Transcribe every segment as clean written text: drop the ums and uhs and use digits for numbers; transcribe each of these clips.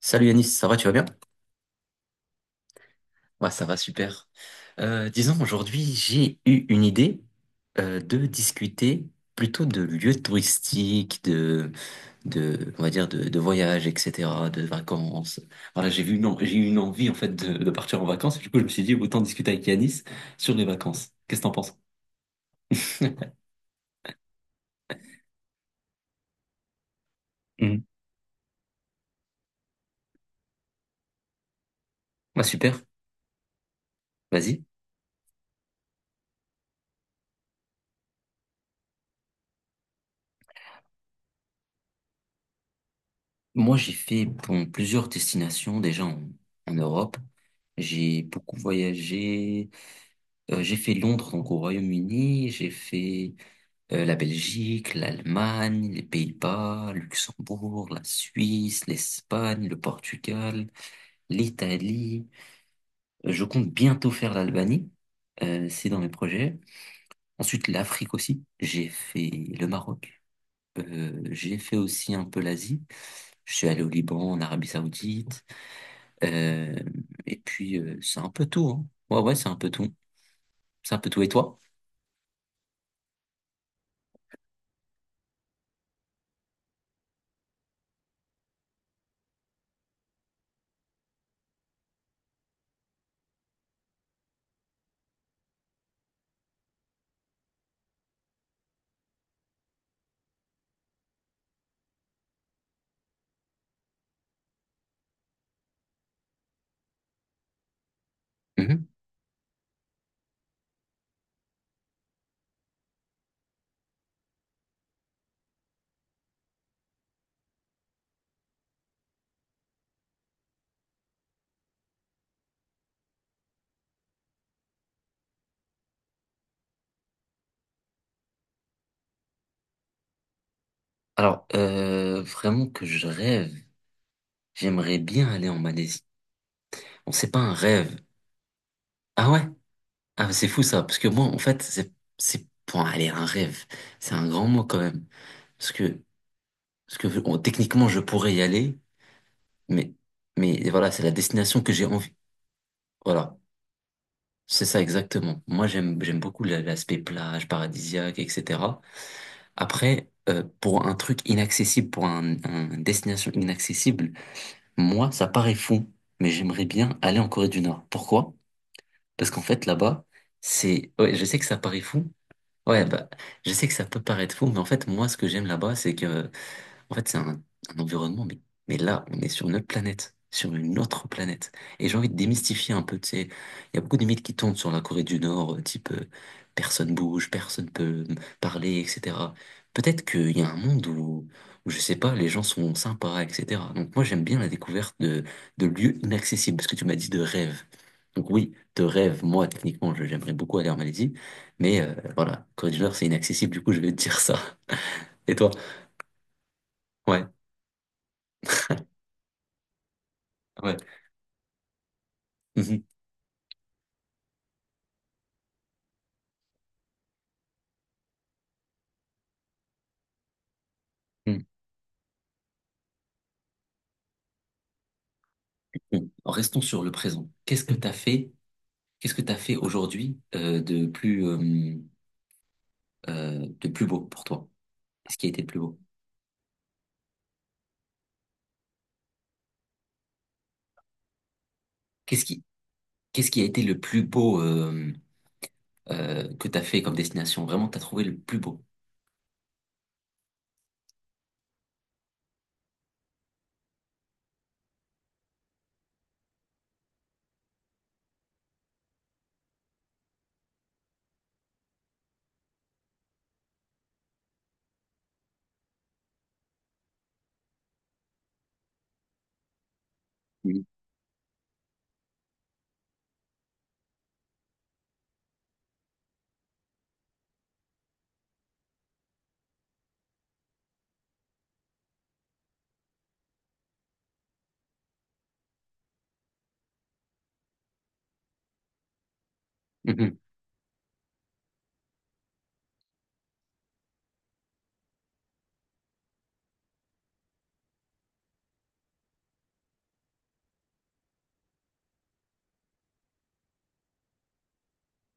Salut Yanis, ça va, tu vas bien? Ouais, ça va super. Disons, aujourd'hui, j'ai eu une idée de discuter plutôt de lieux touristiques, de, on va dire, de voyages, etc., de vacances. Voilà, j'ai vu, non, j'ai eu une envie, en fait, de partir en vacances. Du coup, je me suis dit, autant discuter avec Yanis sur les vacances. Qu'est-ce que t'en penses? Mhm. Ouais, super, vas-y. Moi, j'ai fait bon, plusieurs destinations déjà en Europe. J'ai beaucoup voyagé. J'ai fait Londres, donc au Royaume-Uni, j'ai fait la Belgique, l'Allemagne, les Pays-Bas, Luxembourg, la Suisse, l'Espagne, le Portugal, l'Italie. Je compte bientôt faire l'Albanie. C'est dans mes projets. Ensuite, l'Afrique aussi, j'ai fait le Maroc. J'ai fait aussi un peu l'Asie. Je suis allé au Liban, en Arabie Saoudite. Euh, et puis c'est un peu tout, hein. Ouais, ouais, c'est un peu tout. C'est un peu tout. Et toi? Mhm. Alors, vraiment que je rêve. J'aimerais bien aller en Malaisie. Bon, c'est pas un rêve. Ah ouais? Ah, bah, c'est fou ça. Parce que moi, en fait, c'est, bon, allez, un rêve. C'est un grand mot quand même. Parce que, Parce que bon, techniquement, je pourrais y aller, mais, mais voilà, c'est la destination que j'ai envie. Voilà. C'est ça exactement. Moi, j'aime beaucoup l'aspect plage, paradisiaque, etc. Après, pour un truc inaccessible, pour un une destination inaccessible. Moi, ça paraît fou, mais j'aimerais bien aller en Corée du Nord. Pourquoi? Parce qu'en fait, là-bas. Ouais, je sais que ça paraît fou. Ouais, bah, je sais que ça peut paraître fou, mais en fait, moi, ce que j'aime là-bas, c'est que en fait, c'est un environnement, mais là, on est sur une autre planète, sur une autre planète. Et j'ai envie de démystifier un peu, tu sais, il y a beaucoup de mythes qui tournent sur la Corée du Nord, type personne bouge, personne peut me parler, etc. Peut-être qu'il y a un monde où, je sais pas, les gens sont sympas, etc. Donc moi, j'aime bien la découverte de lieux inaccessibles, parce que tu m'as dit de rêve. Donc oui, de rêve, moi, techniquement, j'aimerais beaucoup aller en Malaisie, mais voilà, Corée du Nord, c'est inaccessible, du coup, je vais te dire ça. Et toi? Ouais, ouais. Hmm. Bon, restons sur le présent. Qu'est-ce que t'as fait? Qu'est-ce que t'as fait aujourd'hui de plus beau pour toi? Qu'est-ce qui a été le plus beau? Qu'est-ce qui qu'est-ce qui a été le plus beau que t'as fait comme destination? Vraiment, t'as trouvé le plus beau? Mhm. Mhm.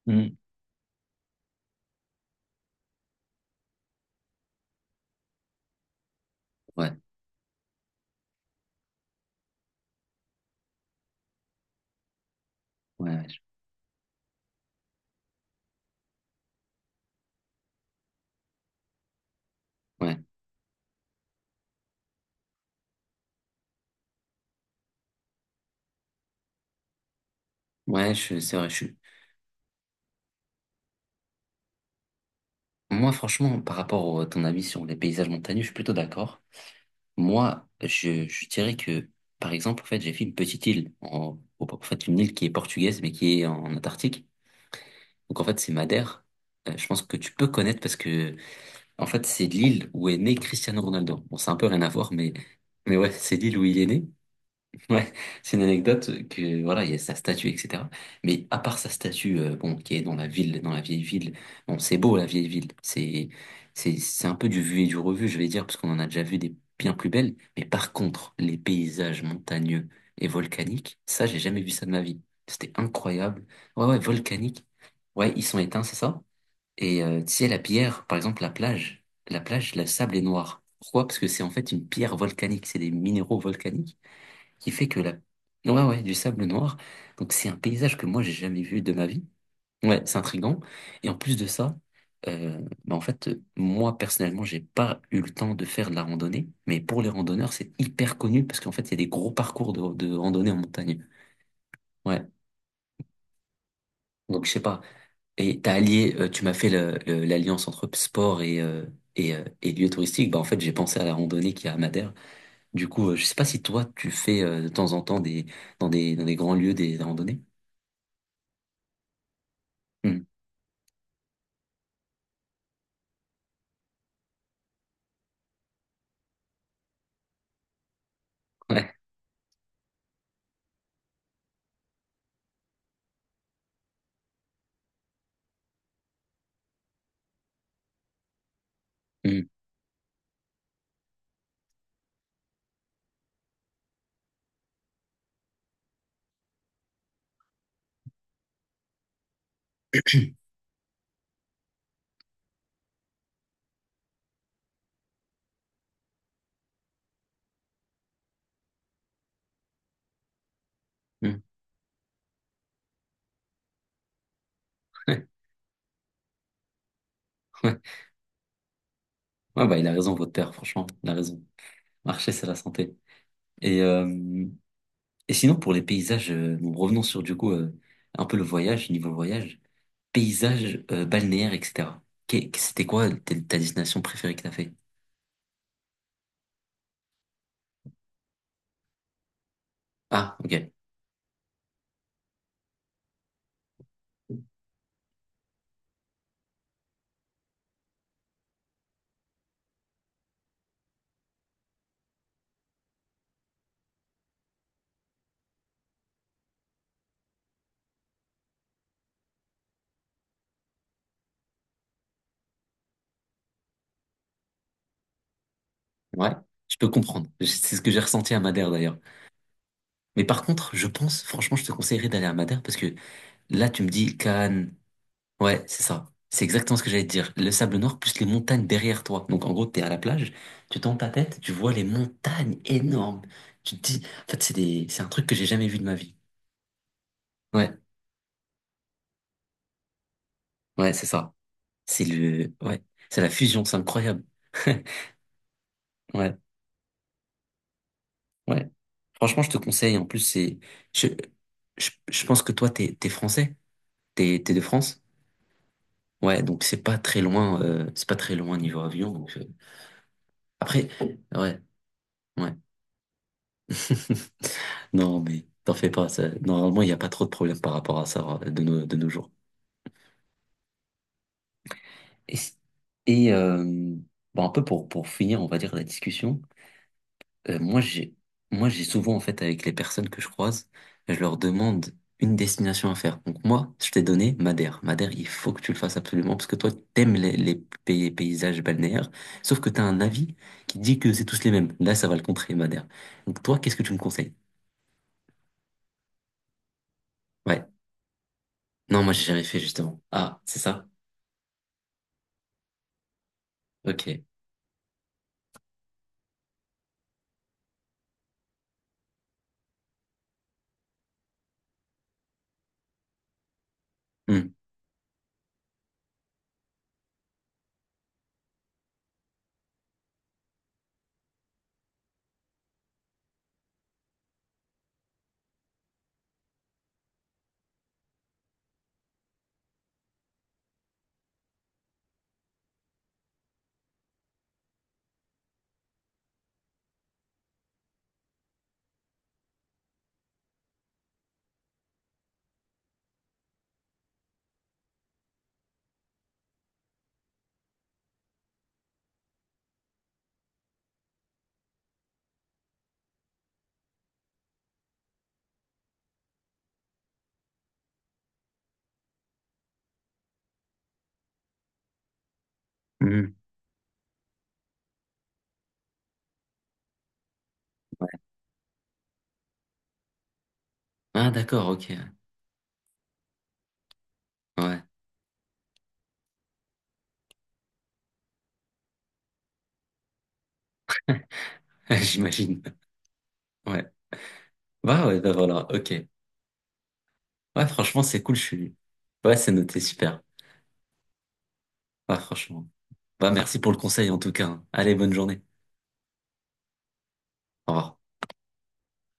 Mhm. Ouais, ouais, ouais, ouais, ouais. C'est vrai. Je suis. Moi, franchement, par rapport à ton avis sur les paysages montagneux, je suis plutôt d'accord. Moi, je dirais que, par exemple, en fait, j'ai fait une petite île, en fait, une île qui est portugaise mais qui est en Antarctique. Donc en fait, c'est Madère. Je pense que tu peux connaître parce que en fait, c'est l'île où est né Cristiano Ronaldo. Bon, c'est un peu rien à voir, mais ouais, c'est l'île où il est né. Ouais, c'est une anecdote que voilà, il y a sa statue, etc. Mais à part sa statue, bon, qui est dans la ville, dans la vieille ville, bon, c'est beau la vieille ville. C'est un peu du vu et du revu, je vais dire, parce qu'on en a déjà vu des bien plus belles. Mais par contre, les paysages montagneux et volcaniques, ça, j'ai jamais vu ça de ma vie. C'était incroyable. Ouais, ouais, volcanique. Ouais, ils sont éteints, c'est ça. Et tu sais, la pierre, par exemple, la plage, le sable est noir. Pourquoi? Parce que c'est en fait une pierre volcanique, c'est des minéraux volcaniques. Qui fait que la... Ouais, ouais, du sable noir. Donc c'est un paysage que moi j'ai jamais vu de ma vie. Ouais, c'est intriguant. Et en plus de ça, euh, bah en fait, moi personnellement, j'ai pas eu le temps de faire de la randonnée, mais pour les randonneurs, c'est hyper connu parce qu'en fait, il y a des gros parcours de randonnée en montagne. Ouais. Donc je sais pas. Et t'as allié, tu m'as fait l'alliance entre sport et lieu touristique. Bah en fait, j'ai pensé à la randonnée qui est à Madère. Du coup, je sais pas si toi tu fais de temps en temps des grands lieux des randonnées. Ouais. Mm, mm. Ouais. Ouais, bah, il a raison, votre père, franchement. Il a raison. Marcher, c'est la santé. Et, euh, et sinon, pour les paysages, bon, revenons sur du coup un peu le voyage, niveau voyage, paysages balnéaires, etc. C'était quoi ta destination préférée que t'as fait? Ah, ok. Ouais, je peux comprendre. C'est ce que j'ai ressenti à Madère d'ailleurs. Mais par contre, je pense, franchement, je te conseillerais d'aller à Madère parce que là, tu me dis Cannes, ouais, c'est ça. C'est exactement ce que j'allais te dire. Le sable noir plus les montagnes derrière toi. Donc en gros, t'es à la plage, tu tends ta tête, tu vois les montagnes énormes. Tu te dis, en fait, c'est un truc que j'ai jamais vu de ma vie. Ouais, ouais, c'est ça. Ouais, c'est la fusion, c'est incroyable. Ouais, ouais. Franchement, je te conseille. En plus, c'est, je, je pense que toi, t'es français, t'es de France. Ouais, donc c'est pas très loin, c'est pas très loin niveau avion. Après, ouais, ouais. Non, mais t'en fais pas. Normalement, il n'y a pas trop de problèmes par rapport à ça de nos jours. Et, c- et, euh, bon, un peu pour finir, on va dire, la discussion, euh, moi, j'ai, moi, j'ai souvent, en fait, avec les personnes que je croise, je leur demande une destination à faire. Donc, moi, je t'ai donné Madère. Madère, il faut que tu le fasses absolument parce que toi, t'aimes les paysages balnéaires, sauf que t'as un avis qui dit que c'est tous les mêmes. Là, ça va le contrer, Madère. Donc, toi, qu'est-ce que tu me conseilles? Ouais. Non, moi, j'ai jamais fait, justement. Ah, c'est ça? Ok. Hmm. Hmm, ouais. Ah, d'accord, ok. Ouais, j'imagine. Ouais. Bah ouais, bah voilà, ok. Ouais, franchement, c'est cool, je suis. Ouais, c'est noté, super. Ouais, franchement. Bah, merci pour le conseil, en tout cas, hein. Allez, bonne journée. Au revoir.